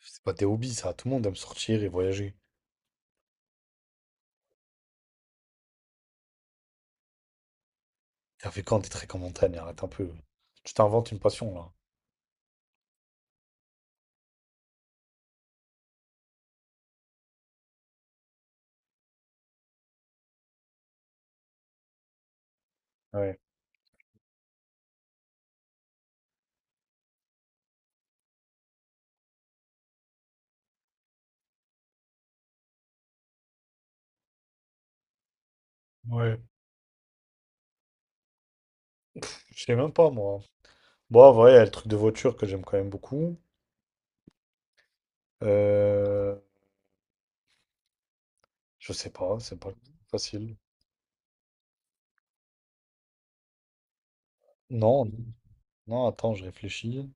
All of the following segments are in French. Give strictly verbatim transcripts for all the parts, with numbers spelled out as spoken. C'est pas tes hobbies, ça. Tout le monde aime sortir et voyager. T'as fait quand des treks en montagne? Arrête un peu. Tu t'inventes une passion, là. Ouais. Ouais. Je sais même pas, moi. Bon, en vrai, il y a le truc de voiture que j'aime quand même beaucoup. Euh... Je sais pas, c'est pas facile. Non, non, attends, je réfléchis.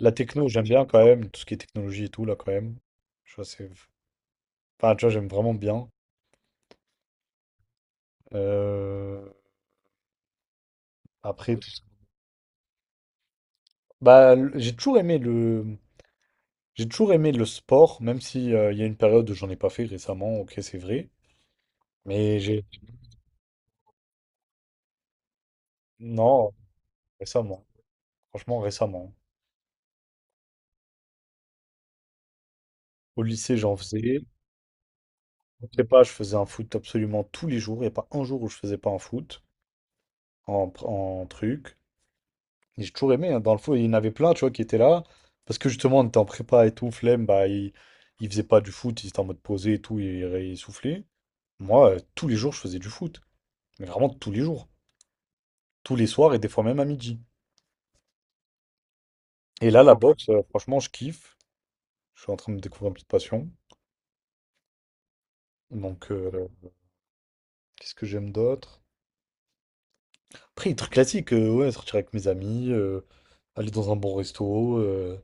La techno, j'aime bien quand même. Tout ce qui est technologie et tout, là, quand même. Je vois, c'est... Enfin, tu vois, j'aime vraiment bien. Euh, Après, tout ce- bah, le- j'ai toujours aimé le... J'ai toujours aimé le sport, même si euh, il y a une période où j'en ai pas fait récemment, ok, c'est vrai. Mais j'ai. Non, récemment. Franchement, récemment. Au lycée, j'en faisais. En prépa, je faisais un foot absolument tous les jours. Il n'y a pas un jour où je faisais pas un foot en, pr- en truc. Et j'ai toujours aimé, hein. Dans le foot, il y en avait plein, tu vois, qui étaient là. Parce que justement, on était en prépa et tout, flemme, bah, ils, ils faisaient pas du foot, ils étaient en mode posé et tout, ils, ils soufflaient. Moi, euh, tous les jours, je faisais du foot. Mais vraiment tous les jours. Tous les soirs et des fois même à midi. Et là, la boxe, euh, franchement, je kiffe. Je suis en train de me découvrir une petite passion. Donc, euh, qu'est-ce que j'aime d'autre? Après, les trucs classiques, euh, ouais, sortir avec mes amis, euh, aller dans un bon resto, euh,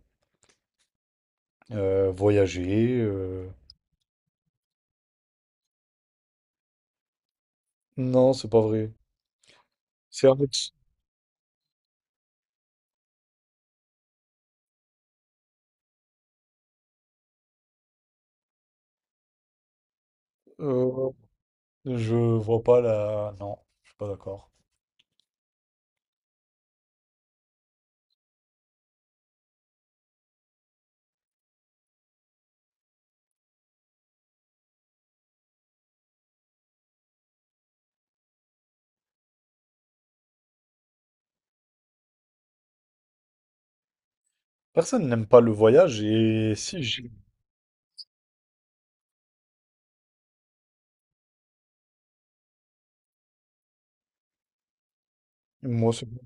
euh, voyager. euh. Non, c'est pas vrai. C'est un ex- euh, je vois pas la. Non, je suis pas d'accord. Personne n'aime pas le voyage et si j'ai. Moi c'est bon.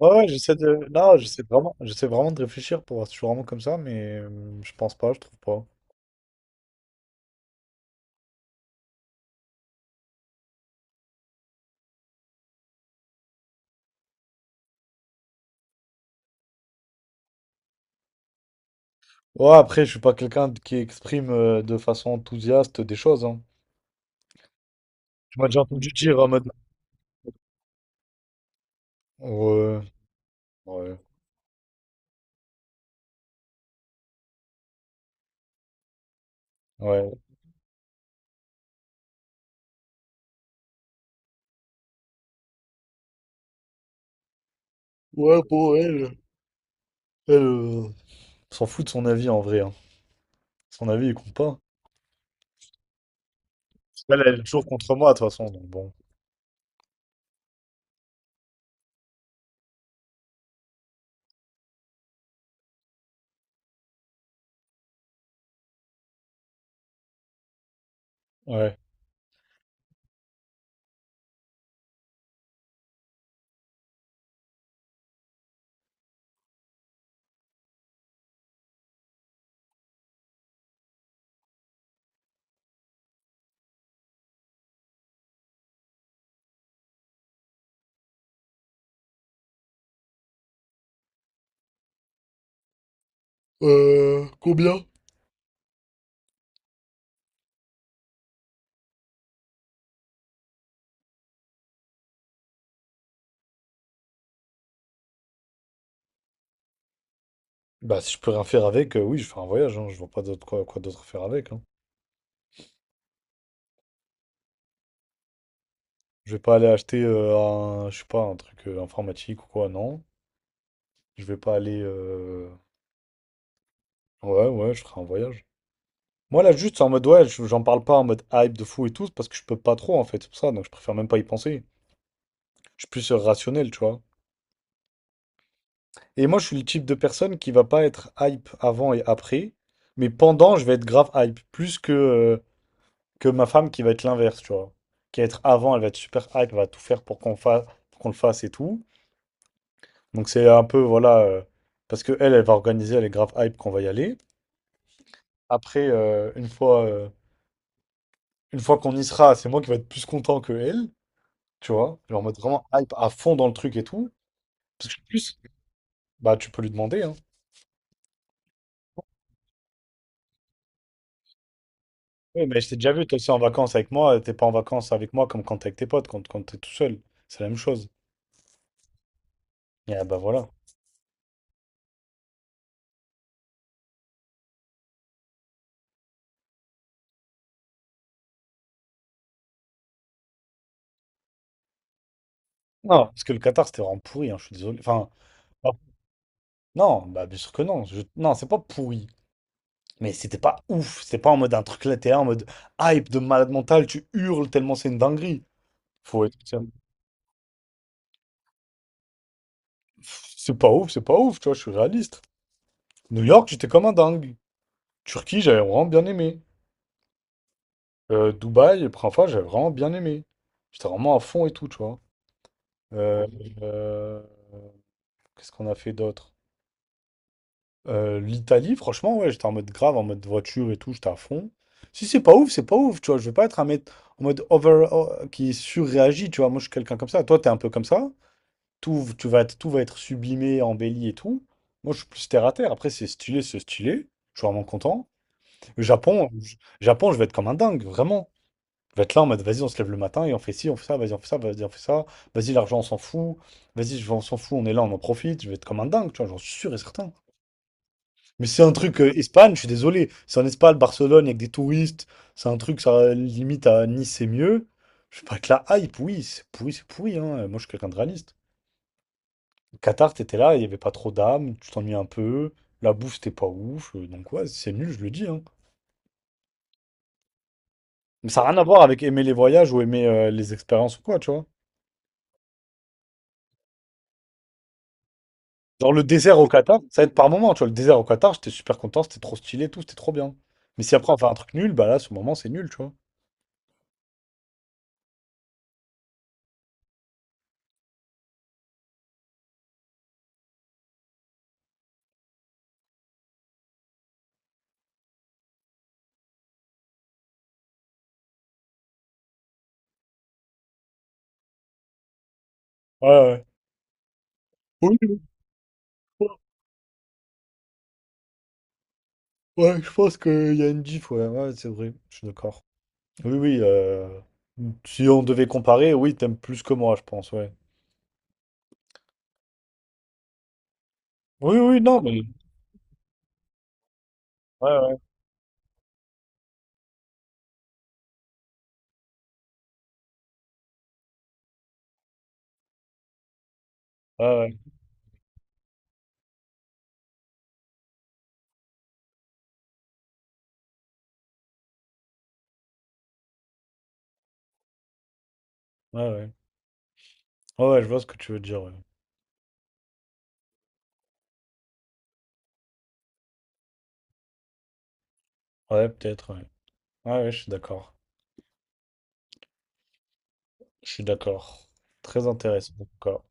Ouais, ouais, j'essaie de. Non, j'essaie vraiment, j'essaie vraiment de réfléchir pour voir si je suis vraiment comme ça, mais euh, je pense pas, je trouve pas. Ouais, après, je suis pas quelqu'un de- qui exprime euh, de façon enthousiaste des choses, hein. Tu m'as déjà entendu dire en mode. Ouais, ouais, ouais. Ouais, pour elle. Elle, euh, s'en fout de son avis en vrai, hein. Son avis, il compte pas. Elle, elle est toujours contre moi, de toute façon, donc bon. Ouais. Non. Bah, si je peux rien faire avec, euh, oui, je fais un voyage, hein. Je vois pas d'autre quoi, quoi d'autre faire avec, hein. Je vais pas aller acheter euh, un, je sais pas, un truc euh, informatique ou quoi, non. Je vais pas aller. euh, Ouais, ouais, je ferai un voyage. Moi là juste c'est en mode ouais, je- j'en parle pas en mode hype de fou et tout, parce que je peux pas trop en fait, c'est pour ça, donc je préfère même pas y penser. Je suis plus euh, rationnel, tu vois. Et moi je suis le type de personne qui va pas être hype avant et après, mais pendant je vais être grave hype, plus que, euh, que ma femme qui va être l'inverse, tu vois. Qui va être avant, elle va être super hype, elle va tout faire pour qu'on fasse, qu'on le fasse et tout. Donc c'est un peu, voilà, euh, parce que elle, elle va organiser, elle est grave hype qu'on va y aller. Après, euh, une fois, euh, une fois qu'on y sera, c'est moi qui vais être plus content que elle. Tu vois? Genre en mode vraiment hype à fond dans le truc et tout. Parce que en plus, bah tu peux lui demander, hein. Oui, mais je t'ai déjà vu, toi aussi en vacances avec moi, t'es pas en vacances avec moi comme quand t'es avec tes potes, quand, quand t'es tout seul. C'est la même chose. Et ah bah voilà. Non, parce que le Qatar, c'était vraiment pourri, hein, je suis désolé. Enfin, ah, non, bah bien sûr que non. Je- Non, c'est pas pourri. Mais c'était pas ouf. C'était pas en mode un truc là, t'es là en mode hype de malade mental, tu hurles tellement c'est une dinguerie. Faut être. Tiens, pff, c'est pas ouf, c'est pas ouf, tu vois, je suis réaliste. New York, j'étais comme un dingue. Turquie, j'avais vraiment bien aimé. Euh, Dubaï, la première fois, j'avais vraiment bien aimé. J'étais vraiment à fond et tout, tu vois. Euh, euh, qu'est-ce qu'on a fait d'autre? Euh, l'Italie, franchement, ouais, j'étais en mode grave, en mode voiture et tout, j'étais à fond. Si c'est pas ouf, c'est pas ouf, tu vois. Je vais pas être un mec en mode over oh, qui surréagit, tu vois. Moi, je suis quelqu'un comme ça. Toi, t'es un peu comme ça. Tout, tu vas être, tout va être sublimé, embelli et tout. Moi, je suis plus terre à terre. Après, c'est stylé, c'est stylé. Je suis vraiment content. Le Japon, je- Japon, je vais être comme un dingue, vraiment. On va être là en mode, vas-y, on se lève le matin et on fait ci, on fait ça, vas-y, on fait ça, vas-y, on fait ça. Vas-y, l'argent, on s'en fout. Vas-y, je on s'en fout, on est là, on en profite. Je vais être comme un dingue, tu vois, j'en suis sûr et certain. Mais c'est un truc euh, Espagne, je suis désolé. C'est en Espagne, Barcelone, avec des touristes. C'est un truc, ça euh, limite à Nice, c'est mieux. Je sais pas que la hype, oui, c'est pourri, c'est pourri, hein. Euh, Moi, je suis quelqu'un de réaliste. Qatar, t'étais là, il y avait pas trop d'âme, tu t'ennuyais un peu. La bouffe, c'était pas ouf. euh, Donc, ouais, c'est nul, je le dis, hein. Mais ça n'a rien à voir avec aimer les voyages ou aimer euh, les expériences ou quoi, tu vois. Genre le désert au Qatar, ça aide par moment, tu vois. Le désert au Qatar, j'étais super content, c'était trop stylé et tout, c'était trop bien. Mais si après on fait un truc nul, bah là, ce moment, c'est nul, tu vois. Ouais, ouais. Oui, oui, je pense ouais, je pense qu'il y a une diff, ouais, ouais, c'est vrai, je suis d'accord. Oui, oui, euh, si on devait comparer, oui, t'aimes plus que moi, je pense, ouais. Oui, oui, non, mais... Ouais, ouais, ouais, ouais, ouais, ouais. Ouais, ouais, je vois ce que tu veux dire, ouais. Ouais, peut-être, ouais. Ouais, ouais, je suis d'accord. Je suis d'accord. Très intéressant, en tout cas.